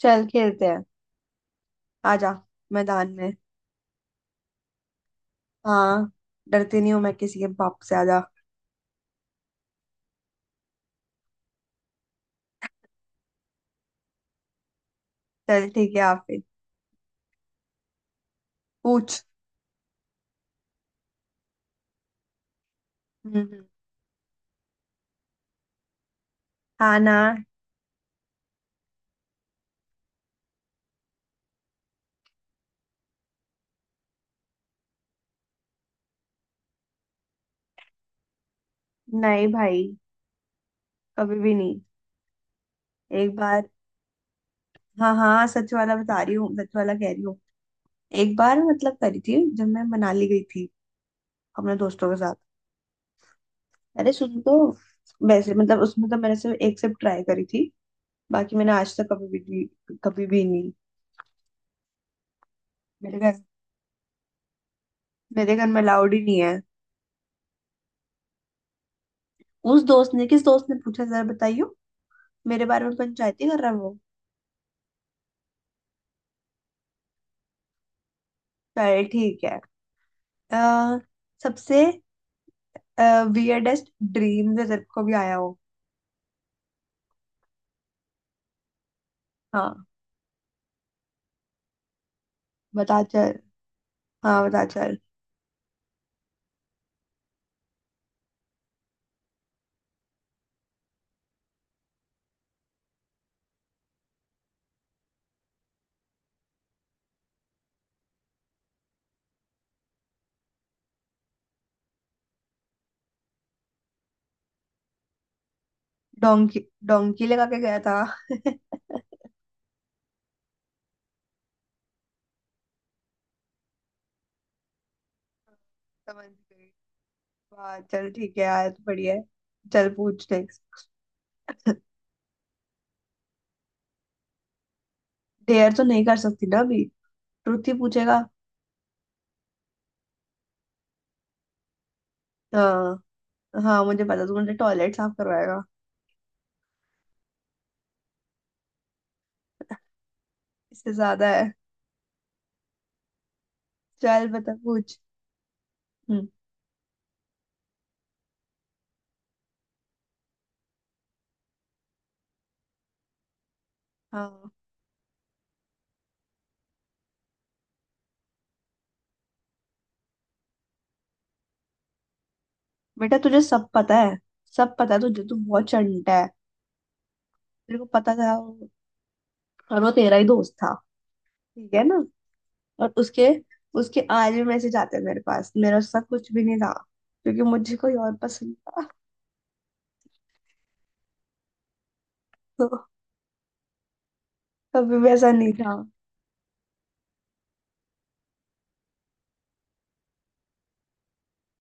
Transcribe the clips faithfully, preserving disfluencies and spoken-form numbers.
चल खेलते हैं। आजा मैदान में। हाँ, डरती नहीं हूँ मैं किसी के बाप से। आजा चल ठीक है। आप फिर पूछ। हम्म। हाँ ना। नहीं भाई, कभी भी नहीं। एक बार। हाँ हाँ, सच वाला बता रही हूँ, सच वाला कह रही हूँ। एक बार मतलब करी थी जब मैं मनाली गई थी अपने दोस्तों के साथ। अरे सुन तो, वैसे मतलब उसमें तो मैंने सिर्फ एक सिर्फ ट्राई करी थी। बाकी मैंने आज तक कभी भी नहीं कभी भी नहीं मेरे घर, मेरे घर में अलाउड ही नहीं है। उस दोस्त ने, किस दोस्त ने पूछा जरा बताइयो। मेरे बारे में पंचायती कर रहा है वो। चल ठीक है। अ, सबसे वियर्डेस्ट ड्रीम जो तेरे को भी आया हो। हाँ बता चल, हाँ बता चल। डोंकी, डोंकी लगा के गया था। समझ गई। वाह चल ठीक है यार, बढ़िया है। चल पूछ नेक्स्ट। डेयर तो नहीं कर सकती ना अभी, ट्रुथ ही पूछेगा। हाँ, हाँ मुझे पता तू मुझे टॉयलेट साफ करवाएगा। इससे ज्यादा है। चल बता पूछ। हम्म। हाँ, बेटा तुझे सब पता है। सब पता है तुझे, तू बहुत चंटा है। तेरे को पता था वो- और वो तेरा ही दोस्त था, ठीक है ना। और उसके उसके आज भी मैसेज आते हैं मेरे पास। मेरा उसका कुछ भी नहीं था, क्योंकि मुझे कोई और पसंद था। तो कभी भी ऐसा नहीं था।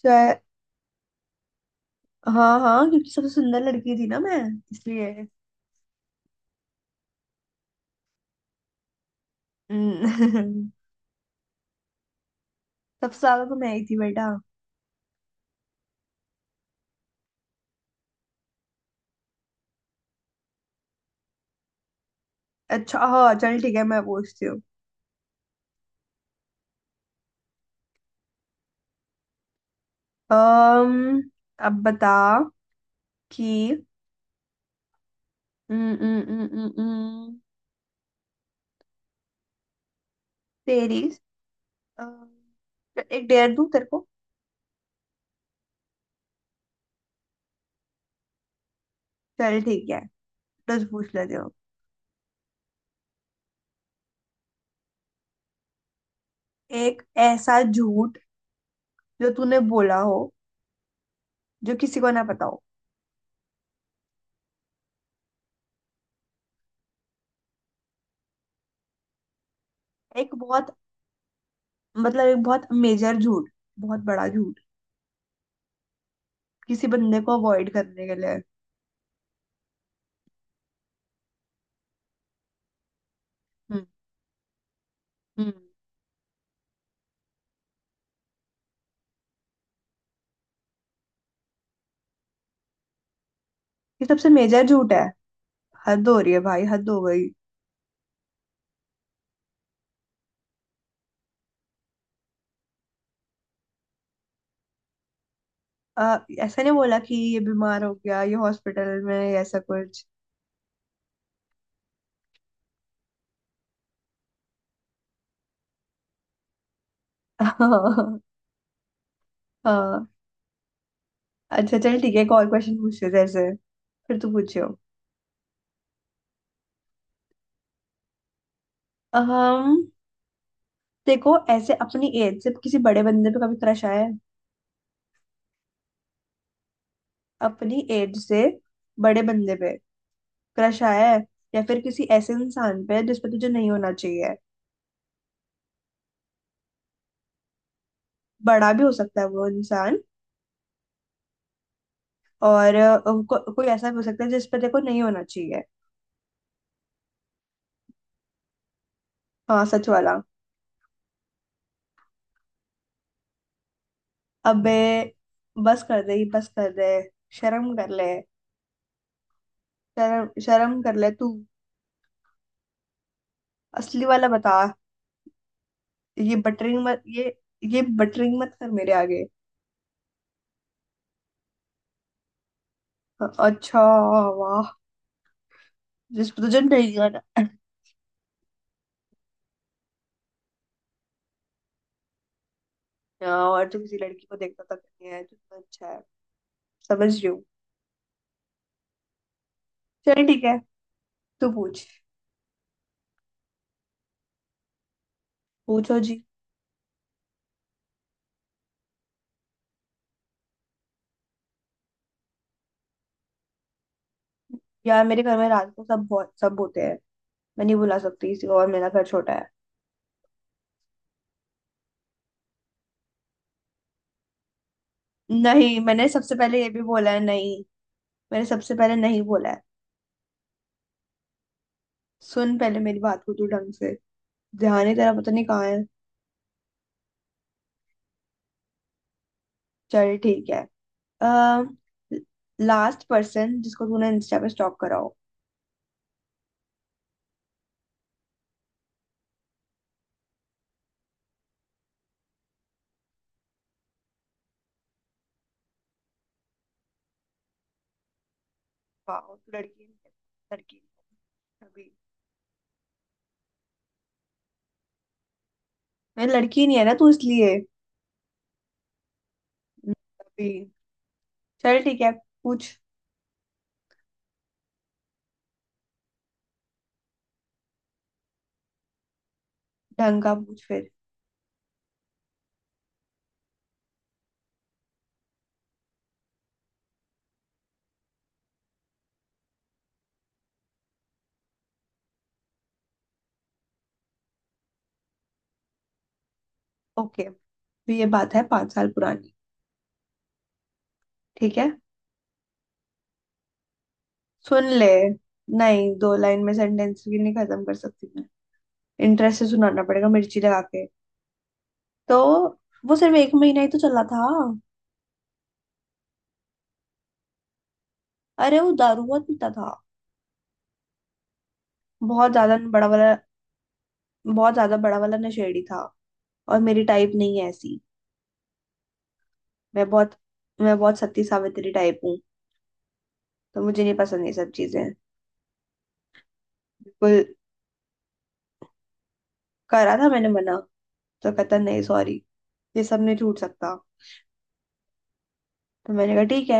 चाहे, हाँ हाँ, क्योंकि सबसे सुंदर लड़की थी ना मैं, इसलिए। हम्म, सबसे ज्यादा तो मैं ही थी बेटा। अच्छा हाँ चल ठीक है, मैं पूछती हूँ। अम्म, अब बता कि, हम्म, हम्म, हम्म, हम्म, हम्म, सीरीज, एक डेयर दूं तेरे को। चल ठीक है, दस पूछ लेते हो। एक ऐसा झूठ जो तूने बोला हो, जो किसी को ना पता हो। एक बहुत, मतलब एक बहुत मेजर झूठ, बहुत बड़ा झूठ, किसी बंदे को अवॉइड करने के लिए। हम्म। हम्म। ये सबसे मेजर झूठ है। हद हो रही है भाई, हद हो गई। अ, ऐसा नहीं बोला कि ये बीमार हो गया, ये हॉस्पिटल में है, ऐसा कुछ। हाँ। अच्छा चल ठीक है, एक और क्वेश्चन पूछते तेरे से। फिर तू पूछियो। देखो, ऐसे अपनी एज से किसी बड़े बंदे पे कभी क्रश आया है। अपनी एज से बड़े बंदे पे क्रश आया है। या फिर किसी ऐसे इंसान पे जिस पे तुझे नहीं होना चाहिए। बड़ा भी हो सकता है वो इंसान। और अ, को, कोई ऐसा भी हो सकता है जिस पे देखो नहीं होना चाहिए। हाँ, सच वाला। अबे, बस कर दे बस कर दे, शर्म कर ले। शर्म शर्म कर ले तू। असली वाला बता। ये बटरिंग मत ये ये बटरिंग मत कर मेरे आगे। अच्छा, वाह। जिस पे तुझे नहीं आना। हाँ, और तू किसी लड़की को देखता तक नहीं है, कितना अच्छा है। समझ रही हूँ। चल ठीक है, तू पूछ। पूछो जी। यार मेरे घर में रात को सब, बहुत सब होते हैं। मैं नहीं बुला सकती किसी को, और मेरा घर छोटा है। नहीं, मैंने सबसे पहले ये भी बोला है, नहीं। मैंने सबसे पहले नहीं बोला है। सुन पहले मेरी बात को तू ढंग से, ध्यान ही तेरा पता नहीं कहाँ है। चल ठीक है। आ, लास्ट पर्सन जिसको तूने इंस्टा पे स्टॉक करा हो। वाह, तू लड़की नहीं है, लड़की नहीं है अभी। मैं लड़की नहीं है ना तू, इसलिए। हम्म, अभी। चल ठीक है, पूछ। ढंग का पूछ फिर। ओके, तो ये बात है पांच साल पुरानी, ठीक है। सुन ले, नहीं दो लाइन में सेंटेंस भी नहीं खत्म कर सकती मैं। इंटरेस्ट से सुनाना पड़ेगा मिर्ची लगा के। तो वो सिर्फ एक महीना ही तो चला था। अरे वो दारू बहुत पीता था, बहुत ज्यादा बड़ा वाला। बहुत ज्यादा बड़ा वाला नशेड़ी था, और मेरी टाइप नहीं है ऐसी। मैं बहुत मैं बहुत सती सावित्री टाइप हूँ, तो मुझे नहीं पसंद ये सब चीजें। बिल्कुल, करा था मैंने मना। तो कहता नहीं सॉरी, ये सब नहीं छूट सकता। तो मैंने कहा ठीक है।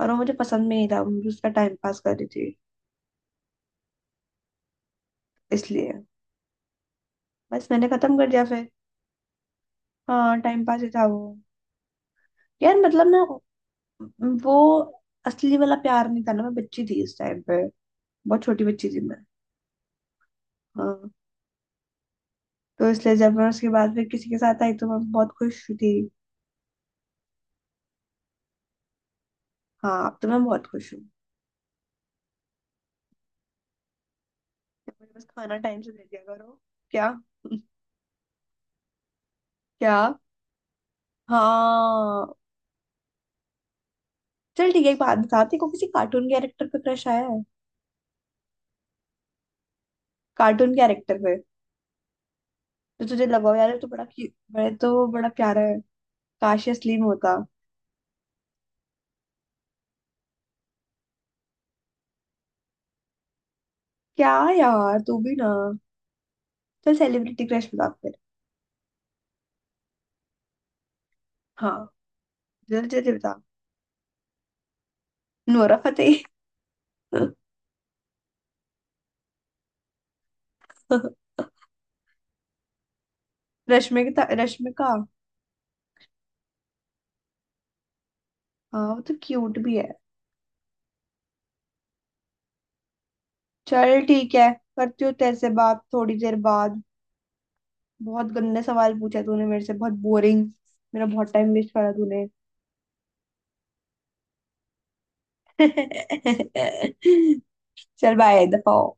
और वो मुझे पसंद भी नहीं था, मैं उसका टाइम पास कर रही थी। इसलिए बस मैंने खत्म कर दिया फिर। हाँ, टाइम पास ही था वो। यार मतलब ना, वो असली वाला प्यार नहीं था ना, मैं बच्ची थी इस टाइम पे। बहुत छोटी बच्ची थी मैं। हाँ, तो इसलिए जब मैं उसके बाद फिर किसी के साथ आई तो मैं बहुत खुश थी। हाँ, अब तो मैं बहुत खुश हूँ। मुझे बस खाना टाइम से दे दिया करो। क्या। क्या। हाँ चल ठीक है, एक बात बताती को किसी कार्टून कैरेक्टर पे क्रश आया है। कार्टून कैरेक्टर पे, तो तुझे लगाओ यार ये तो बड़ा क्यू, बड़े तो बड़ा प्यारा है। काश ये असली में होता। क्या यार, तू भी ना। चल सेलिब्रिटी क्रश बता फिर। हाँ, जल्दी जल्दी बता। Nora Fatehi. रश्मिका, रश्मिका। हाँ वो तो क्यूट भी है। चल ठीक है। करती हूँ तेरे से बात थोड़ी देर बाद। बहुत गंदे सवाल पूछे तूने मेरे से, बहुत बोरिंग। मेरा बहुत टाइम वेस्ट करा तूने। चल बाय, दफा हो।